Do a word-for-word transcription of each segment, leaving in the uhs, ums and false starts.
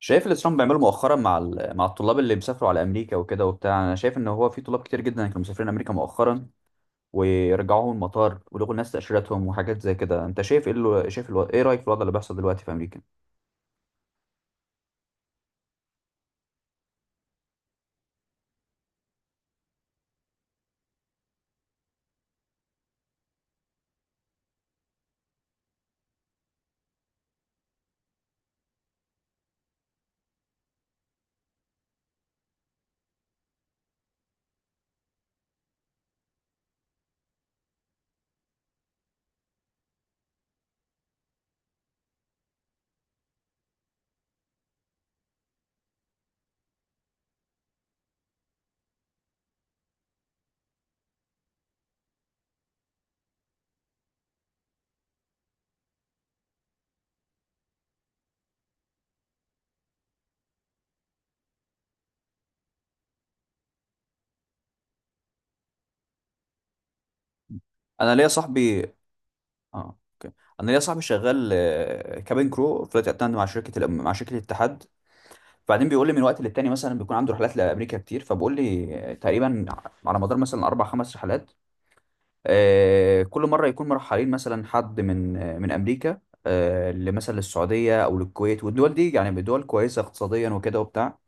شايف اللي ترامب بيعمله مؤخرا مع ال- مع الطلاب اللي بيسافروا على امريكا وكده وبتاع. انا شايف ان هو في طلاب كتير جدا كانوا مسافرين امريكا مؤخرا، ويرجعوهم المطار ولغوا الناس تاشيرتهم وحاجات زي كده. انت شايف ايه اللي شايف الو... ايه رايك في الوضع اللي بيحصل دلوقتي في امريكا؟ انا ليا صاحبي اه. انا ليا صاحبي شغال، آه، كابين كرو فلايت اتندنت مع شركه الأم- مع شركه الاتحاد. فبعدين بيقول لي من وقت للتاني، مثلا بيكون عنده رحلات لامريكا كتير، فبقول لي آه، تقريبا على مدار مثلا اربع خمس رحلات، آه، كل مره يكون مرحلين مثلا حد من آه، من امريكا آه، لمثلا للسعوديه او للكويت والدول دي. يعني دول كويسه اقتصاديا وكده وبتاع،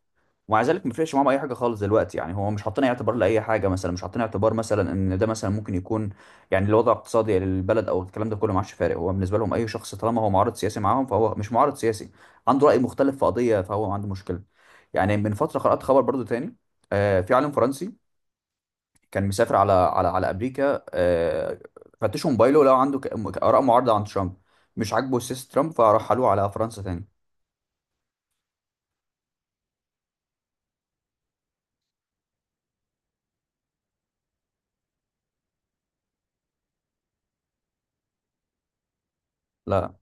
ومع ذلك ما فرقش معاهم اي حاجه خالص دلوقتي. يعني هو مش حاطين أي اعتبار لاي حاجه، مثلا مش حاطين اعتبار مثلا ان ده مثلا ممكن يكون، يعني الوضع الاقتصادي للبلد او الكلام ده كله ما عادش فارق. هو بالنسبه لهم اي شخص طالما هو معارض سياسي معاهم فهو مش معارض سياسي، عنده راي مختلف في قضيه فهو عنده مشكله. يعني من فتره قرات خبر برضو تاني، آه، في عالم فرنسي كان مسافر على على على امريكا، آه، فتشوا موبايله لو عنده ك- م- اراء معارضه عن ترامب، مش عاجبه سياسه ترامب، فرحلوه على فرنسا تاني. لا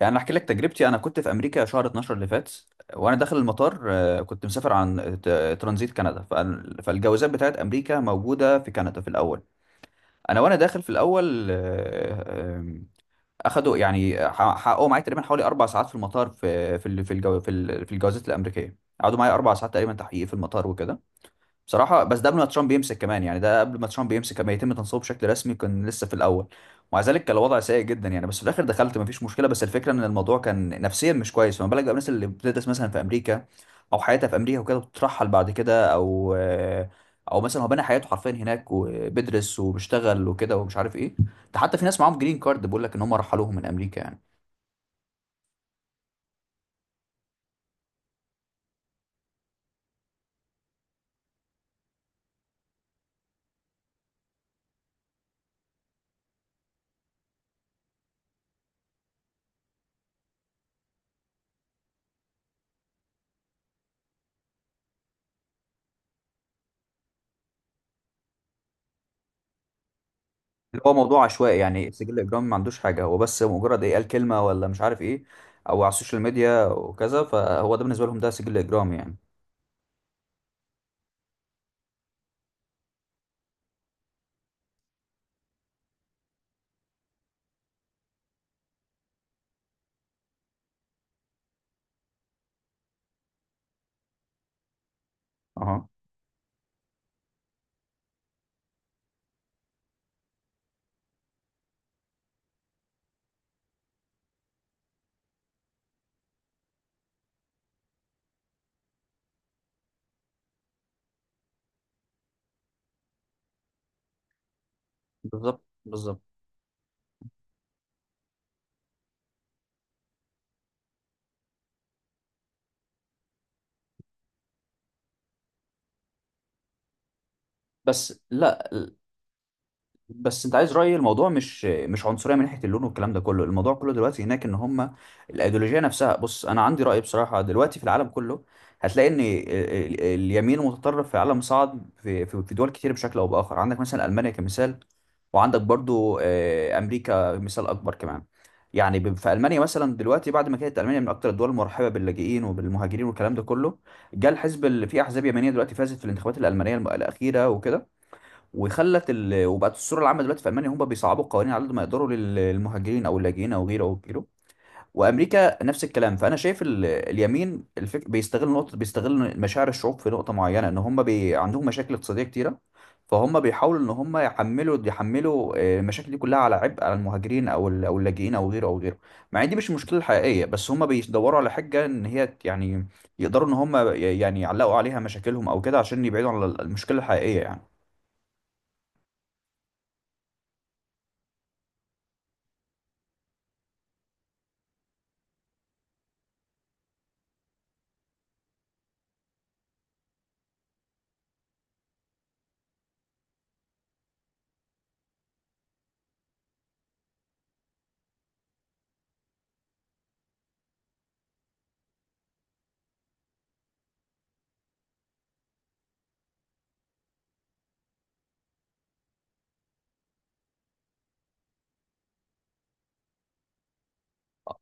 يعني انا احكي لك تجربتي. انا كنت في امريكا شهر اتناشر اللي فات، وانا داخل المطار آه، كنت مسافر عن ت- ترانزيت كندا، فال- فالجوازات بتاعت امريكا موجوده في كندا في الاول. انا وانا داخل في الاول، آه، آم، اخدوا يعني ح- حققوا معايا تقريبا حوالي اربع ساعات في المطار، في في ال- في الجو في ال- في الجوازات الامريكيه. قعدوا معايا اربع ساعات تقريبا تحقيق في المطار وكده. بصراحة بس ده قبل ما ترامب يمسك كمان، يعني ده قبل ما ترامب يمسك، ما يتم تنصيبه بشكل رسمي، كان لسه في الأول. ومع ذلك كان الوضع سيء جدا. يعني بس في الآخر دخلت مفيش مشكلة، بس الفكرة إن الموضوع كان نفسيا مش كويس. فما بالك بقى الناس اللي بتدرس مثلا في أمريكا أو حياتها في أمريكا وكده بتترحل بعد كده، أو أو مثلا هو بنى حياته حرفيا هناك وبيدرس وبيشتغل وكده ومش عارف إيه. ده حتى في ناس معاهم جرين كارد بيقول لك إن هم رحلوهم من أمريكا يعني. اللي هو موضوع عشوائي، يعني السجل الاجرامي ما عندوش حاجه، هو بس مجرد ايه، قال كلمه ولا مش عارف ايه، او على السوشيال ميديا وكذا، فهو ده بالنسبه لهم ده سجل اجرامي يعني. اها. بالظبط بالظبط. بس لا. بس انت عايز رايي، الموضوع مش مش عنصريه من ناحيه اللون والكلام ده كله، الموضوع كله دلوقتي هناك ان هم الايديولوجيه نفسها. بص، انا عندي راي بصراحه دلوقتي في العالم كله. هتلاقي ان ال- ال- اليمين المتطرف في العالم صعد في في في دول كتير بشكل او باخر. عندك مثلا المانيا كمثال، وعندك برضو آه، امريكا مثال اكبر كمان. يعني ب- في المانيا مثلا دلوقتي، بعد ما كانت المانيا من اكتر الدول المرحبه باللاجئين وبالمهاجرين والكلام ده كله، جاء الحزب اللي فيه احزاب يمنيه دلوقتي فازت في الانتخابات الالمانيه الم- الاخيره وكده، وخلت ال... وبقت الصوره العامه دلوقتي في المانيا هم بيصعبوا القوانين على قد ما يقدروا لل- للمهاجرين او اللاجئين او غيره او غيره. وامريكا نفس الكلام. فانا شايف ال... اليمين الفك... بيستغل نقطه، بيستغل مشاعر الشعوب في نقطه معينه، ان هم بي... عندهم مشاكل اقتصاديه كتيره، فهم بيحاولوا ان هم يحملوا يحملوا آه، المشاكل دي كلها على عبء على المهاجرين او ال... او اللاجئين او غيره او غيره. مع ان دي مش المشكله الحقيقيه، بس هم بيدوروا على حجه ان هي ت- يعني يقدروا ان هم ي- يعني يعلقوا عليها مشاكلهم او كده عشان يبعدوا عن ال- المشكله الحقيقيه يعني.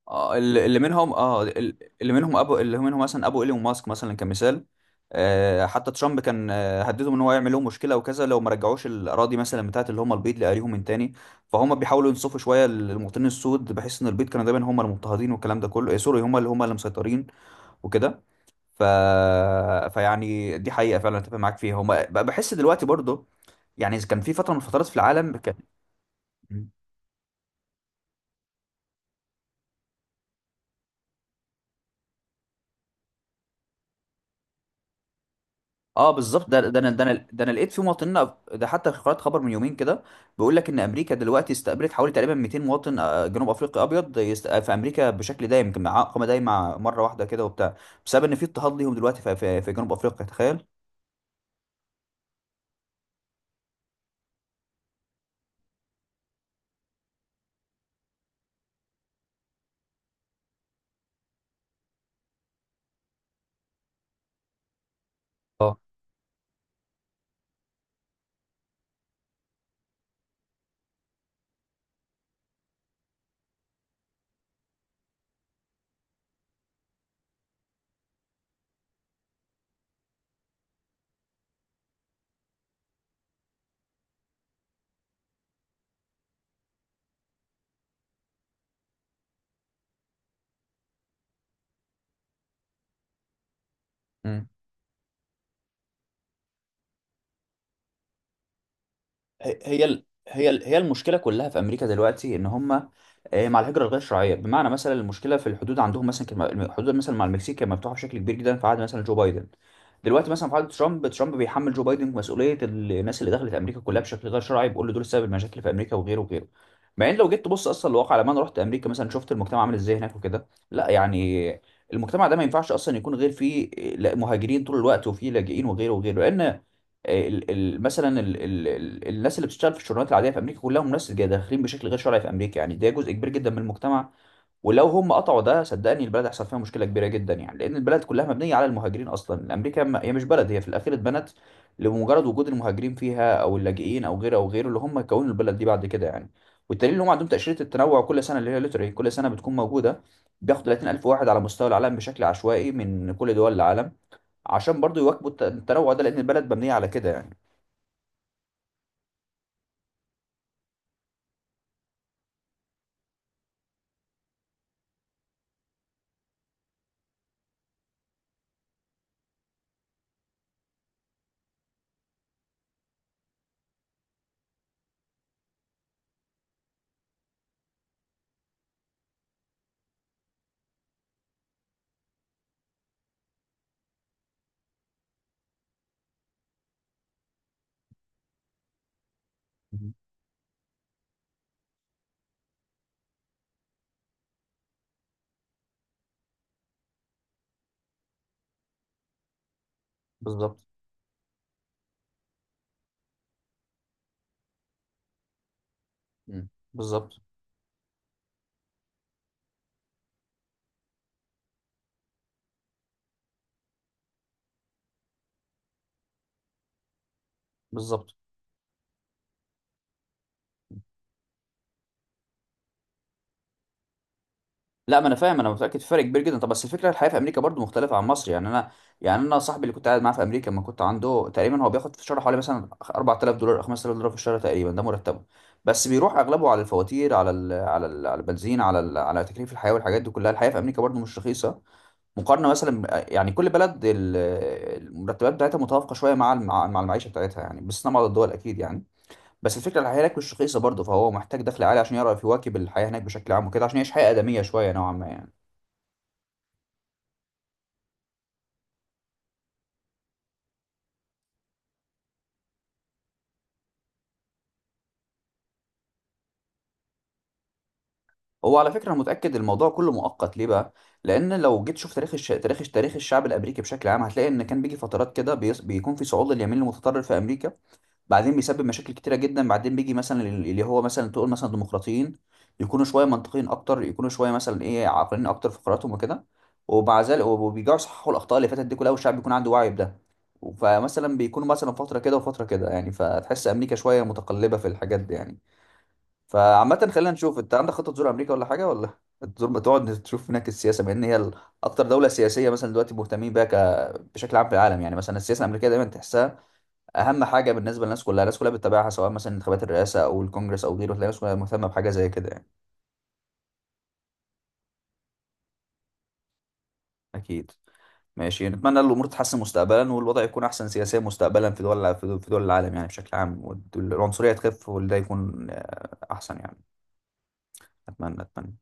آه، اللي اللي منهم اه ال- اللي منهم ابو اللي منهم مثلا ابو ايلون ماسك مثلا كمثال. آه، حتى ترامب كان آه، هددهم ان هو يعمل لهم مشكله وكذا لو ما رجعوش الاراضي مثلا بتاعت اللي هم البيض لاهاليهم من تاني. فهم بيحاولوا ينصفوا شويه المواطنين السود بحيث ان البيض كانوا دايما هم المضطهدين والكلام ده كله، آه، سوري، هم اللي هم اللي مسيطرين وكده. ف... فيعني دي حقيقه فعلا اتفق معاك فيها. هم بحس دلوقتي برضه يعني كان في فتره من الفترات في العالم كان. اه بالظبط. ده ده انا ده انا ده انا لقيت في مواطنين. ده حتى قرأت خبر من يومين كده بيقول لك ان امريكا دلوقتي استقبلت حوالي تقريبا مئتين مواطن آه، جنوب افريقي ابيض يست- في امريكا بشكل دايم، يمكن مع اقامه دايمه مره واحده كده وبتاع، بسبب ان في اضطهاد ليهم دلوقتي في في في جنوب افريقيا. تخيل. اه. مم. هي هي ال- هي ال- هي المشكله كلها في امريكا دلوقتي ان هم آه، مع الهجره الغير شرعيه، بمعنى مثلا المشكله في الحدود عندهم. مثلا كان الم- الحدود مثلا مع المكسيك كانت مفتوحه بشكل كبير جدا في عهد مثلا جو بايدن. دلوقتي مثلا في عهد ترامب ترامب بيحمل جو بايدن مسؤوليه الناس اللي دخلت امريكا كلها بشكل غير شرعي، بيقول له دول سبب المشاكل في امريكا وغيره وغيره. مع ان لو جيت تبص اصلا الواقع، لما انا رحت امريكا مثلا شفت المجتمع عامل ازاي هناك وكده. لا يعني المجتمع ده ما ينفعش اصلا يكون غير فيه، آه، لا، مهاجرين طول الوقت وفيه لاجئين وغيره وغيره. لان ال- ال- مثلا ال ال ال الناس اللي بتشتغل في الشغلانات العاديه في امريكا كلهم ناس جا- داخلين بشكل غير شرعي في امريكا يعني. ده جزء كبير جدا من المجتمع، ولو هم قطعوا ده صدقني البلد هيحصل فيها مشكله كبيره جدا يعني. لان البلد كلها مبنيه على المهاجرين اصلا. امريكا ما- هي مش بلد، هي في الاخير اتبنت لمجرد وجود المهاجرين فيها او اللاجئين او غيره او غيره، اللي هم كونوا البلد دي بعد كده يعني. والدليل ان هم عندهم تاشيره التنوع كل سنه، اللي هي لوتري كل سنه بتكون موجوده، بياخد ثلاثين الف واحد على مستوى العالم بشكل عشوائي من كل دول العالم، عشان برضو يواكبوا الت- التنوع ده، لان البلد مبنيه على كده يعني. مم. بالظبط. مم. بالظبط بالظبط. لا ما انا فاهم، انا متاكد في فرق كبير جدا. طب بس الفكره الحياه في امريكا برضو مختلفه عن مصر يعني انا، يعني انا صاحبي اللي كنت قاعد معاه في امريكا لما كنت عنده تقريبا هو بياخد في الشهر حوالي مثلا اربعت الاف دولار او خمست الاف دولار في الشهر تقريبا، ده مرتبه. بس بيروح اغلبه على الفواتير، على ال على ال على البنزين، على ال على تكليف الحياه والحاجات دي كلها. الحياه في امريكا برضو مش رخيصه مقارنه مثلا. يعني كل بلد ال- المرتبات بتاعتها متوافقه شويه مع الم- مع المعيشه بتاعتها يعني، باستثناء بعض الدول اكيد يعني. بس الفكره الحياه هناك مش رخيصه برضه، فهو محتاج دخل عالي عشان يعرف يواكب الحياه هناك بشكل عام وكده، عشان يعيش حياه ادميه شويه نوعا ما يعني. هو على فكره انا متاكد الموضوع كله مؤقت. ليه بقى؟ لان لو جيت تشوف تاريخ الش... تاريخ تاريخ الشعب الامريكي بشكل عام، هتلاقي ان كان بيجي فترات كده بيص... بيكون في صعود لليمين المتطرف في امريكا، بعدين بيسبب مشاكل كتيره جدا. بعدين بيجي مثلا اللي هو مثلا تقول مثلا ديمقراطيين، يكونوا شويه منطقيين اكتر، يكونوا شويه مثلا ايه عاقلين اكتر في قراراتهم وكده، ومع ذلك وبيرجعوا يصححوا الاخطاء اللي فاتت دي كلها، والشعب بيكون عنده وعي بده. فمثلا بيكونوا مثلا فتره كده وفتره كده يعني. فتحس امريكا شويه متقلبه في الحاجات دي يعني. فعامه خلينا نشوف. انت عندك خطه تزور امريكا ولا حاجه؟ ولا تزور تقعد تشوف هناك السياسه؟ بما ان هي ال- اكتر دوله سياسيه مثلا دلوقتي مهتمين بيها ك... بشكل عام في العالم يعني. مثلا السياسه الامريكيه دايما تحسها اهم حاجه بالنسبه للناس كلها، الناس كلها بتتابعها سواء مثلا انتخابات الرئاسه او الكونجرس او غيره، تلاقي الناس كلها مهتمه بحاجه زي كده يعني. اكيد. ماشي، نتمنى ان الامور تتحسن مستقبلا والوضع يكون احسن سياسيا مستقبلا في دول في دول في دول العالم يعني بشكل عام، والعنصريه تخف، وده يكون آه، احسن يعني. اتمنى اتمنى.